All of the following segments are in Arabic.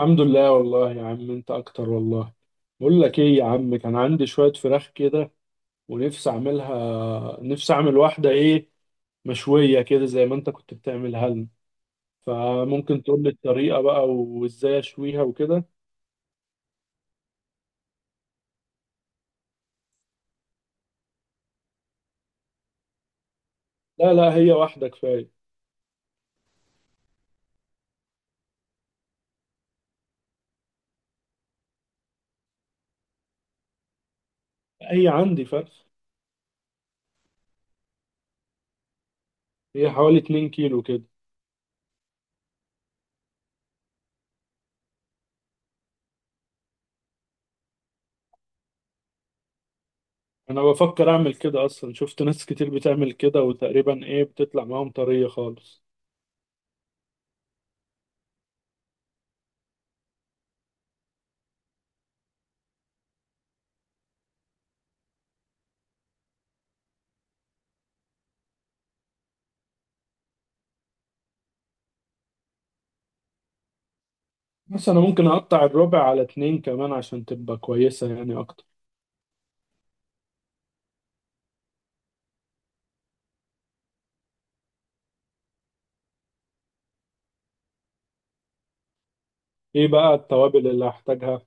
الحمد لله والله يا عم، انت اكتر والله. بقول لك ايه يا عم، كان عندي شوية فراخ كده ونفسي اعمل واحدة ايه مشوية كده زي ما انت كنت بتعملها لنا. فممكن تقول لي الطريقة بقى وازاي اشويها وكده؟ لا لا، هي واحدة كفاية. هي عندي فرخ. هي حوالي 2 كيلو كده. انا بفكر اعمل كده اصلا. شفت ناس كتير بتعمل كده وتقريبا ايه بتطلع معاهم طرية خالص. بس انا ممكن اقطع الربع على اتنين كمان عشان تبقى كويسة يعني اكتر. ايه بقى التوابل اللي هحتاجها؟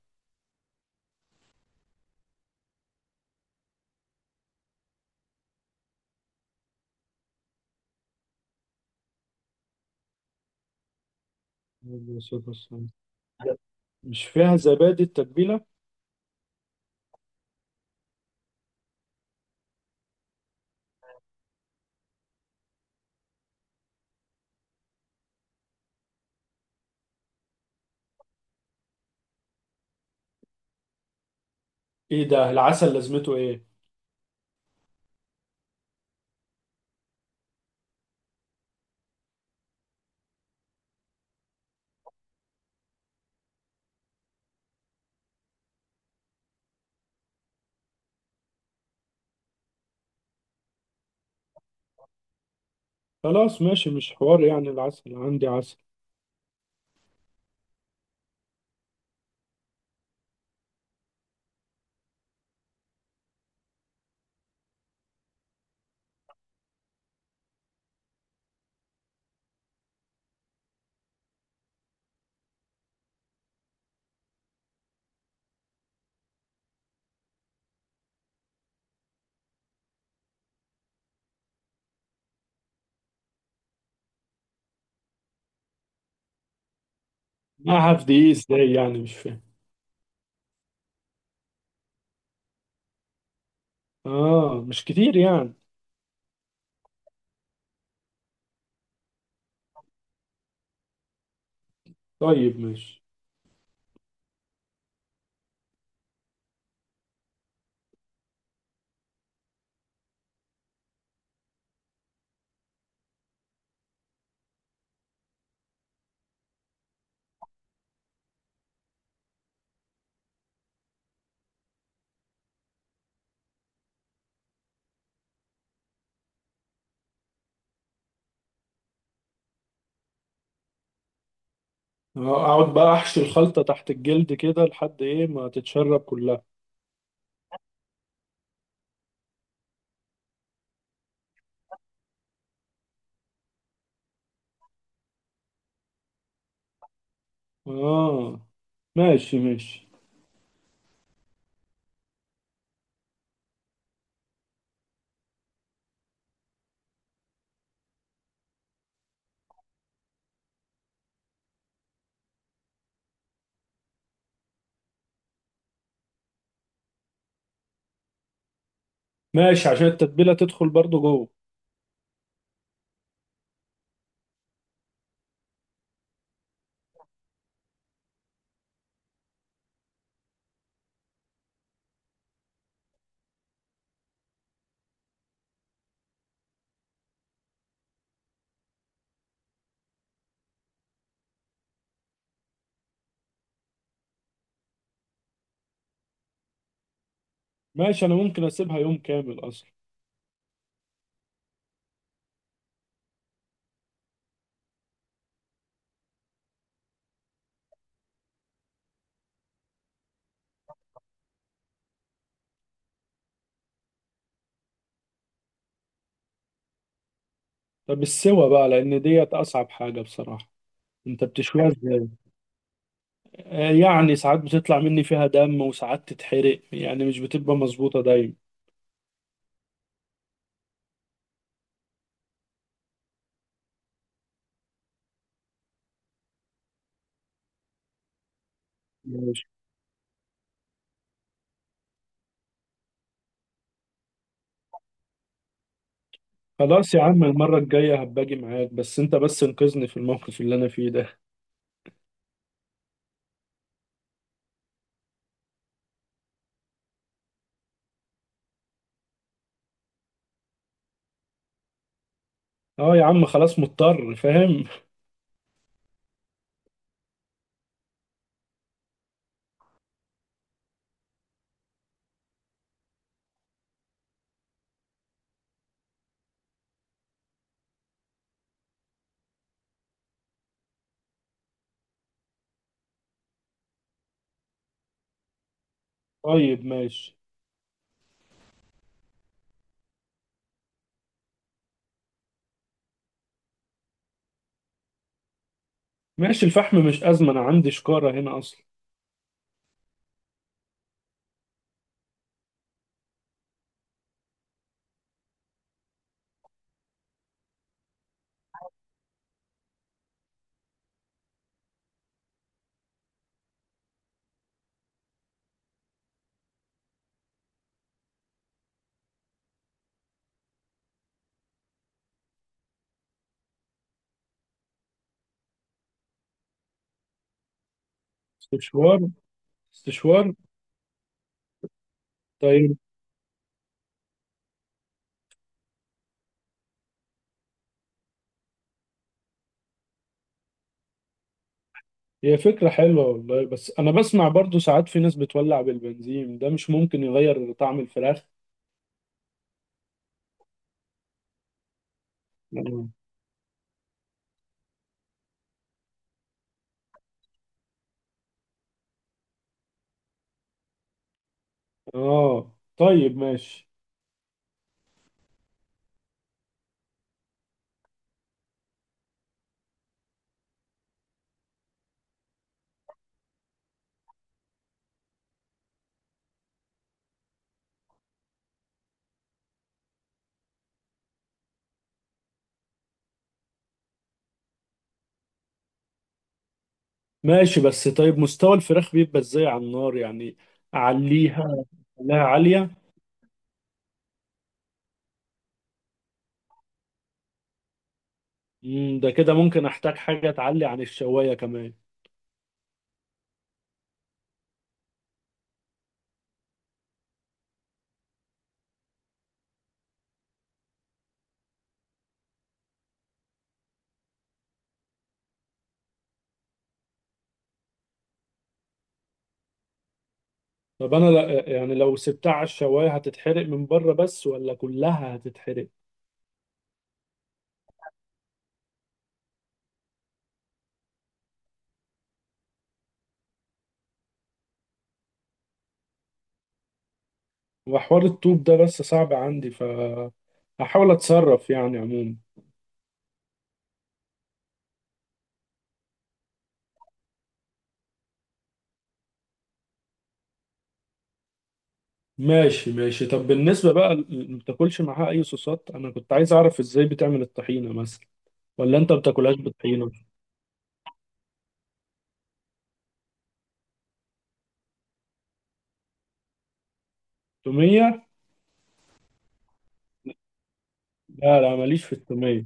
مش فيها زبادي التتبيلة؟ ايه ده؟ العسل لازمته ايه؟ خلاص ماشي، مش حوار يعني. العسل عندي عسل. اعرف دي ايه ازاي؟ يعني مش فاهم. اه، مش كتير يعني. طيب ماشي. اقعد بقى احشي الخلطة تحت الجلد كده لحد ايه ما تتشرب كلها. اه، ماشي ماشي. ماشي، عشان التتبيلة تدخل برضو جوه. ماشي، انا ممكن اسيبها يوم كامل اصلا. طب السوا بقى، لان ديت اصعب حاجة بصراحة. انت بتشويها ازاي؟ يعني ساعات بتطلع مني فيها دم وساعات تتحرق، يعني مش بتبقى مظبوطة دايما. ماشي. خلاص يا عم، المرة الجاية هباجي معاك، بس انت بس انقذني في الموقف اللي انا فيه ده. اه يا عم، خلاص مضطر فاهم. طيب ماشي. ماشي، الفحم مش أزمة، انا عندي شكارة هنا اصلا. استشوار. استشوار. طيب. هي فكرة حلوة والله، بس انا بسمع برضو ساعات في ناس بتولع بالبنزين، ده مش ممكن يغير طعم الفراخ؟ اه. طيب ماشي. ماشي، بس طيب مستوى الفراخ بيبقى ازاي على النار يعني؟ اعليها. خليها عالية. ده كده ممكن احتاج حاجة تعلي عن الشواية كمان. طب انا لا يعني، لو سبتها على الشواية هتتحرق من بره بس ولا كلها هتتحرق؟ وحوار الطوب ده بس صعب عندي هحاول اتصرف يعني عموما. ماشي ماشي، طب بالنسبة بقى ما بتاكلش معاها اي صوصات؟ انا كنت عايز اعرف ازاي بتعمل الطحينة مثلا؟ ولا انت بتاكلهاش بالطحينة؟ تومية. لا لا، ماليش في التومية.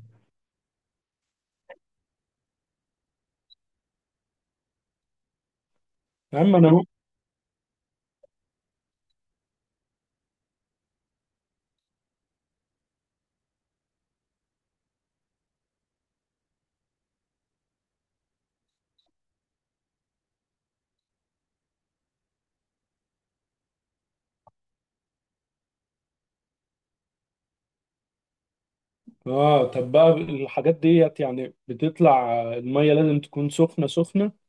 يا عم انا. اه، طب بقى الحاجات ديت يعني بتطلع المية لازم تكون سخنة سخنة؟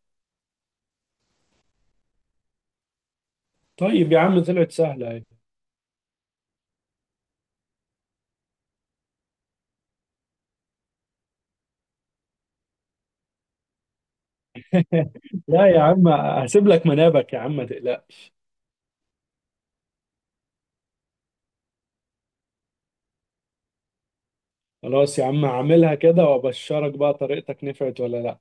طيب يا عم، طلعت سهلة اهي. لا يا عم، هسيب لك منابك يا عم، ما تقلقش. خلاص يا عم، هعملها كده وابشرك بقى طريقتك نفعت ولا لا.